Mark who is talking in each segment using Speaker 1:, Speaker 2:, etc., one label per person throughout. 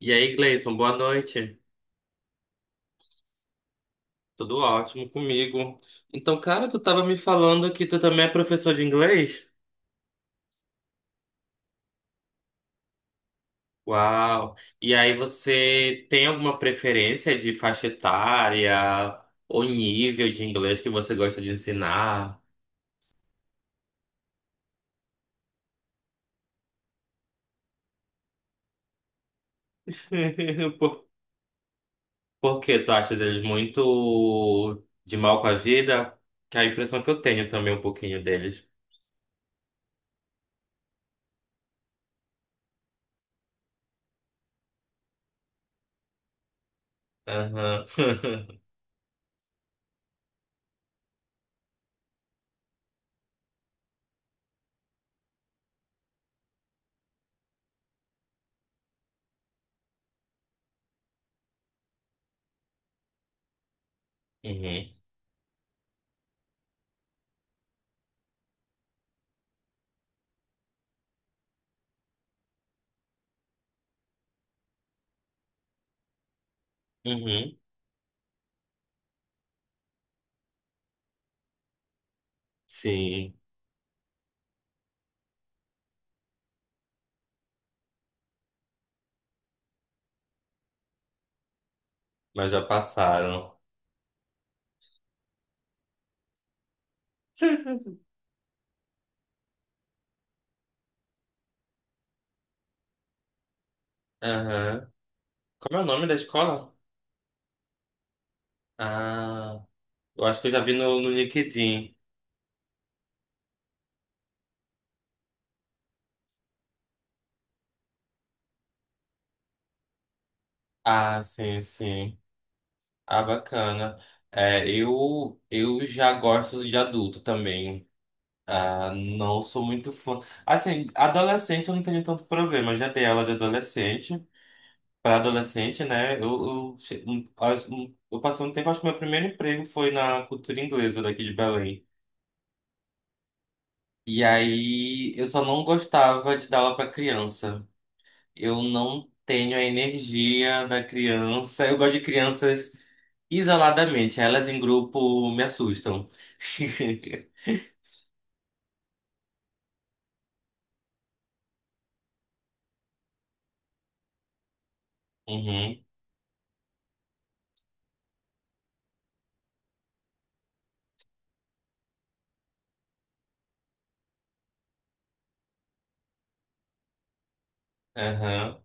Speaker 1: E aí, Gleison, boa noite. Tudo ótimo comigo. Então, cara, tu tava me falando que tu também é professor de inglês? Uau! E aí, você tem alguma preferência de faixa etária ou nível de inglês que você gosta de ensinar? Por, por quê? Tu achas eles muito de mal com a vida? Que é a impressão que eu tenho também um pouquinho deles. Aham. Uhum. Uhum. Sim, mas já passaram. Aham. Como é o nome da escola? Ah, eu acho que eu já vi no LinkedIn. Ah, sim, sim. Ah, bacana. É, eu já gosto de adulto também. Ah, não sou muito fã. Assim, adolescente eu não tenho tanto problema. Já dei aula de adolescente. Para adolescente, né? Eu passei um tempo, acho que meu primeiro emprego foi na Cultura Inglesa daqui de Belém. E aí eu só não gostava de dar aula para criança. Eu não tenho a energia da criança. Eu gosto de crianças isoladamente. Elas em grupo me assustam. Uhum, aham.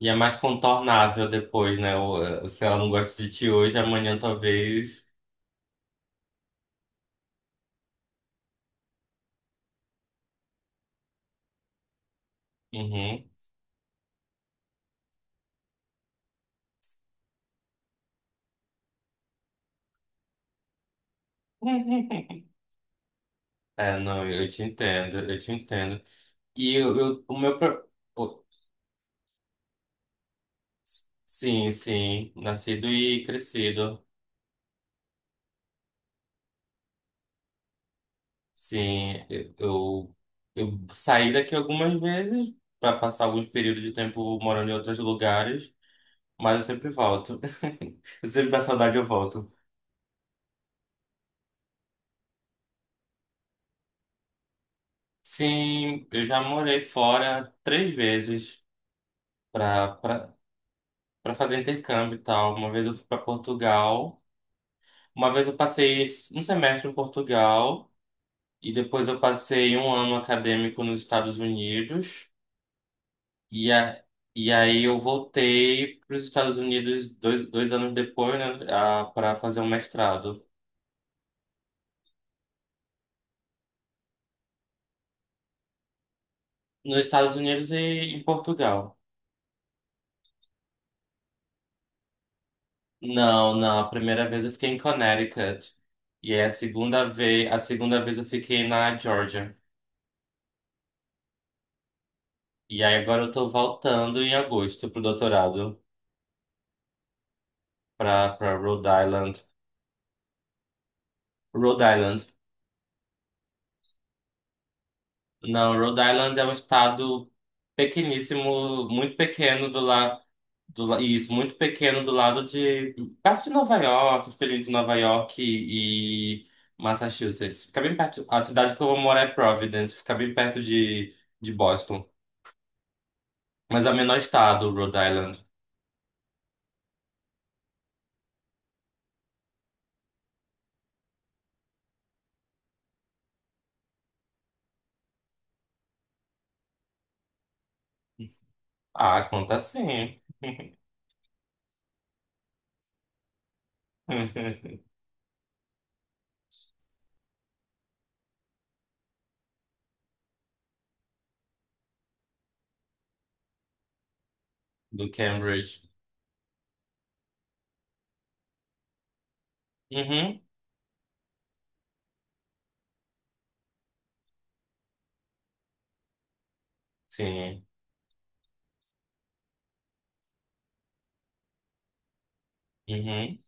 Speaker 1: E é mais contornável depois, né? Se ela não gosta de ti hoje, amanhã talvez. Uhum. É, não, eu te entendo, eu te entendo. E eu- o meu. Pro- o- Sim, sim, nascido e crescido. Sim, eu saí daqui algumas vezes para passar alguns períodos de tempo morando em outros lugares, mas eu sempre volto. Eu sempre dá saudade, eu volto. Sim, eu já morei fora três vezes para para para fazer intercâmbio e tal. Uma vez eu fui para Portugal, uma vez eu passei um semestre em Portugal e depois eu passei um ano acadêmico nos Estados Unidos. E, a, e aí eu voltei para os Estados Unidos dois anos depois, né, para fazer um mestrado. Nos Estados Unidos e em Portugal. Não, não, a primeira vez eu fiquei em Connecticut. E aí a segunda vez eu fiquei na Georgia. E aí agora eu tô voltando em agosto pro doutorado, para Rhode Island. Rhode Island. Não, Rhode Island é um estado pequeníssimo, muito pequeno do lado isso, muito pequeno do lado de. Perto de Nova York, fica ali entre Nova York e Massachusetts. Fica bem perto. A cidade que eu vou morar é Providence, fica bem perto de Boston. Mas é o menor estado, Rhode Island. Ah, conta sim. Do Cambridge. Uhum, sim. Uhum.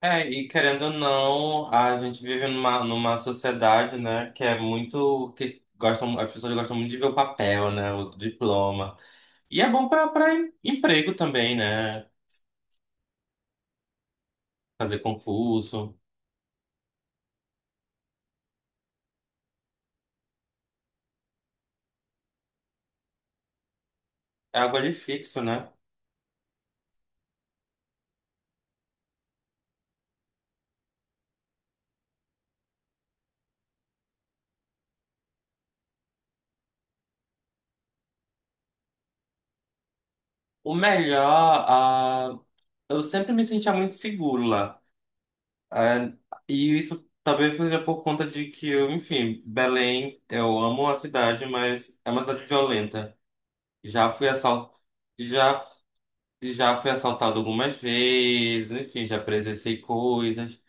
Speaker 1: É, e querendo ou não, a gente vive numa sociedade, né, que é muito. Que gostam, as pessoas gostam muito de ver o papel, né, o diploma. E é bom para emprego também, né? Fazer concurso. É algo ali fixo, né? O melhor, eu sempre me sentia muito seguro lá. Ah, e isso talvez seja por conta de que eu, enfim, Belém, eu amo a cidade, mas é uma cidade violenta. Já fui assal... já, já fui assaltado algumas vezes, enfim, já presenciei coisas.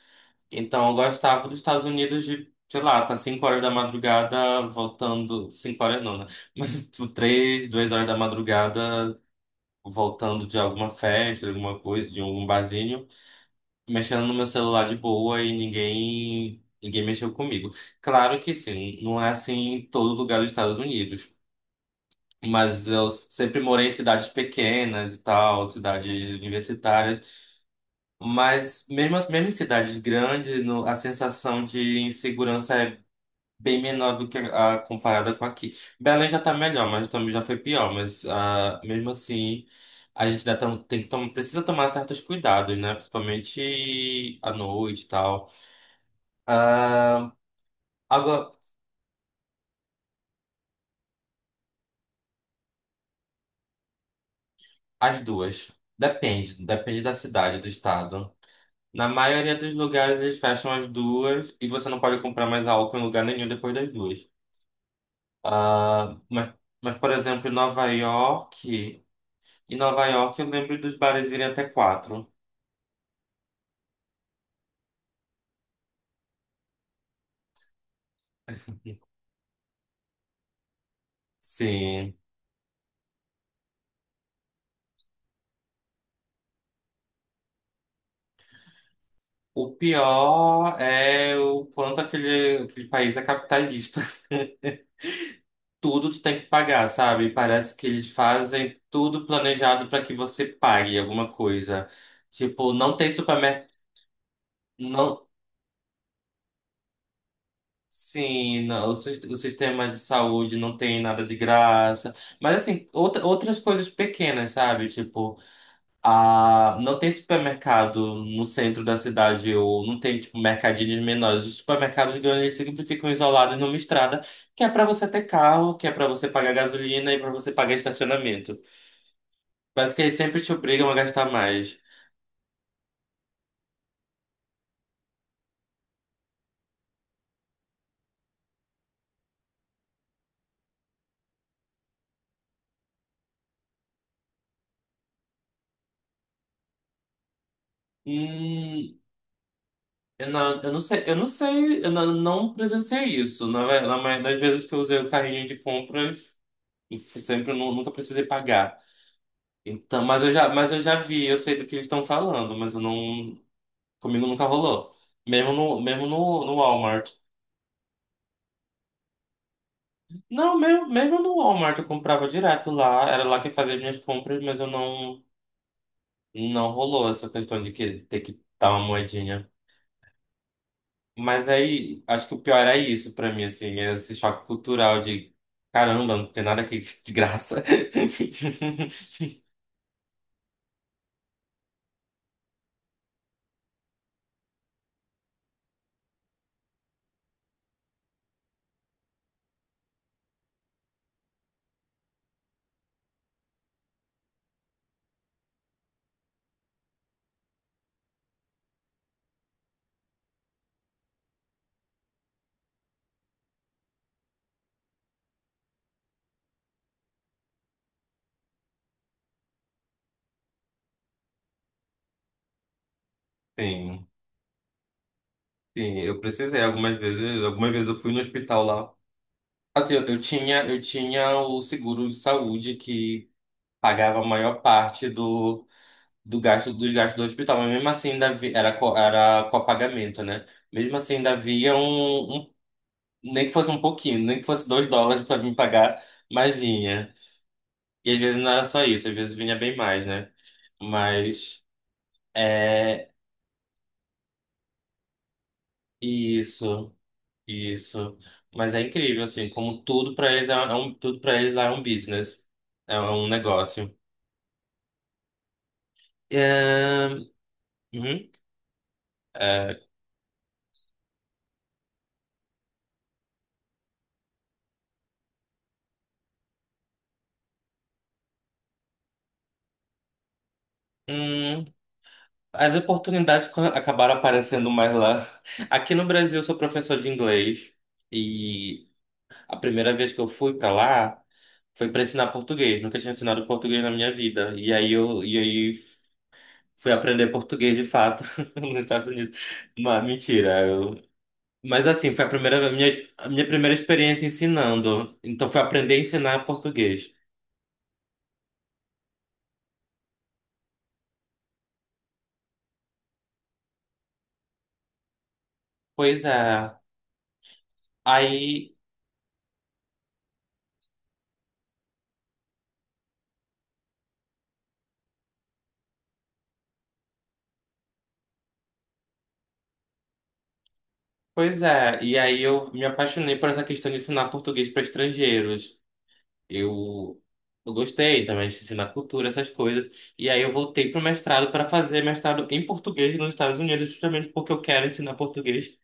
Speaker 1: Então, eu gostava dos Estados Unidos de, sei lá, tá 5 horas da madrugada voltando. 5 horas não, né? Mas tipo, 3, 2 horas da madrugada voltando de alguma festa, de alguma coisa, de algum barzinho, mexendo no meu celular de boa e ninguém mexeu comigo. Claro que sim, não é assim em todo lugar dos Estados Unidos. Mas eu sempre morei em cidades pequenas e tal, cidades universitárias. Mas mesmo em cidades grandes, a sensação de insegurança é bem menor do que a comparada com aqui. Belém já tá melhor, mas também já foi pior. Mas mesmo assim, a gente dá, tam- tem que tom- precisa tomar certos cuidados, né? Principalmente à noite e tal. Ah, agora, as duas. Depende da cidade, do estado. Na maioria dos lugares eles fecham as duas e você não pode comprar mais álcool em lugar nenhum depois das duas. Ah, por exemplo, em Nova York eu lembro dos bares irem até quatro. Sim. O pior é o quanto aquele país é capitalista. Tudo tu tem que pagar, sabe? Parece que eles fazem tudo planejado para que você pague alguma coisa. Tipo, não tem supermercado. Não, sim, não, o sistema de saúde não tem nada de graça. Mas assim, outras coisas pequenas, sabe? Tipo. Ah, não tem supermercado no centro da cidade, ou não tem, tipo, mercadinhos menores. Os supermercados grandes eles sempre ficam isolados numa estrada, que é pra você ter carro, que é pra você pagar gasolina e pra você pagar estacionamento. Parece que eles sempre te obrigam a gastar mais. Hum, eu não sei, eu não, não presenciei isso. Na maioria das vezes que eu usei o carrinho de compras, eu sempre nunca precisei pagar. Então, mas eu já vi, eu sei do que eles estão falando, mas eu não. Comigo nunca rolou. Mesmo no Walmart. Não, mesmo no Walmart eu comprava direto lá. Era lá que fazia minhas compras, mas eu não, não rolou essa questão de que ter que dar uma moedinha. Mas aí, acho que o pior é isso pra mim, assim, é esse choque cultural de caramba, não tem nada aqui de graça. Sim, sim, eu precisei algumas vezes. Algumas vezes eu fui no hospital lá. Assim, eu tinha o seguro de saúde que pagava a maior parte do do gasto dos gastos do hospital, mas mesmo assim ainda havia, era copagamento, né? Mesmo assim ainda nem que fosse um pouquinho, nem que fosse 2 dólares para me pagar, mas vinha. E às vezes não era só isso, às vezes vinha bem mais, né? Mas é isso, isso. Mas é incrível assim, como tudo para eles é, é um tudo para eles lá é um business, é um negócio. É, uhum, é, hum, as oportunidades acabaram aparecendo mais lá. Aqui no Brasil, eu sou professor de inglês e a primeira vez que eu fui para lá foi para ensinar português. Nunca tinha ensinado português na minha vida. E aí fui aprender português de fato nos Estados Unidos. Mas mentira, eu... Mas assim, foi a minha primeira experiência ensinando. Então foi aprender a ensinar português. Pois é. Aí, pois é. E aí eu me apaixonei por essa questão de ensinar português para estrangeiros. Eu, eu gostei também de ensinar cultura, essas coisas. E aí eu voltei para o mestrado para fazer mestrado em português nos Estados Unidos, justamente porque eu quero ensinar português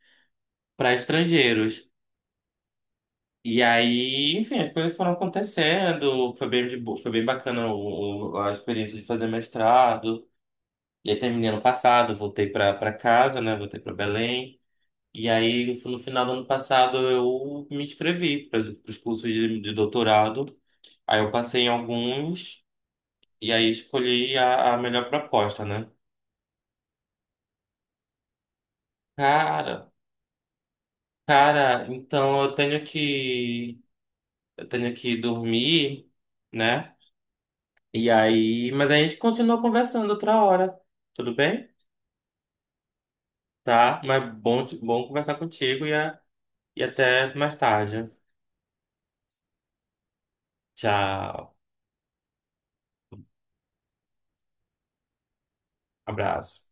Speaker 1: para estrangeiros. E aí, enfim, as coisas foram acontecendo. Foi bem bacana a experiência de fazer mestrado. E aí terminei ano passado, voltei para casa, né? Voltei para Belém. E aí, no final do ano passado, eu me inscrevi para os cursos de doutorado. Aí eu passei em alguns. E aí escolhi a melhor proposta, né? Cara, cara, então eu tenho que dormir, né? E aí, mas a gente continua conversando outra hora, tudo bem? Tá, mas bom, bom conversar contigo e até mais tarde. Tchau, abraço.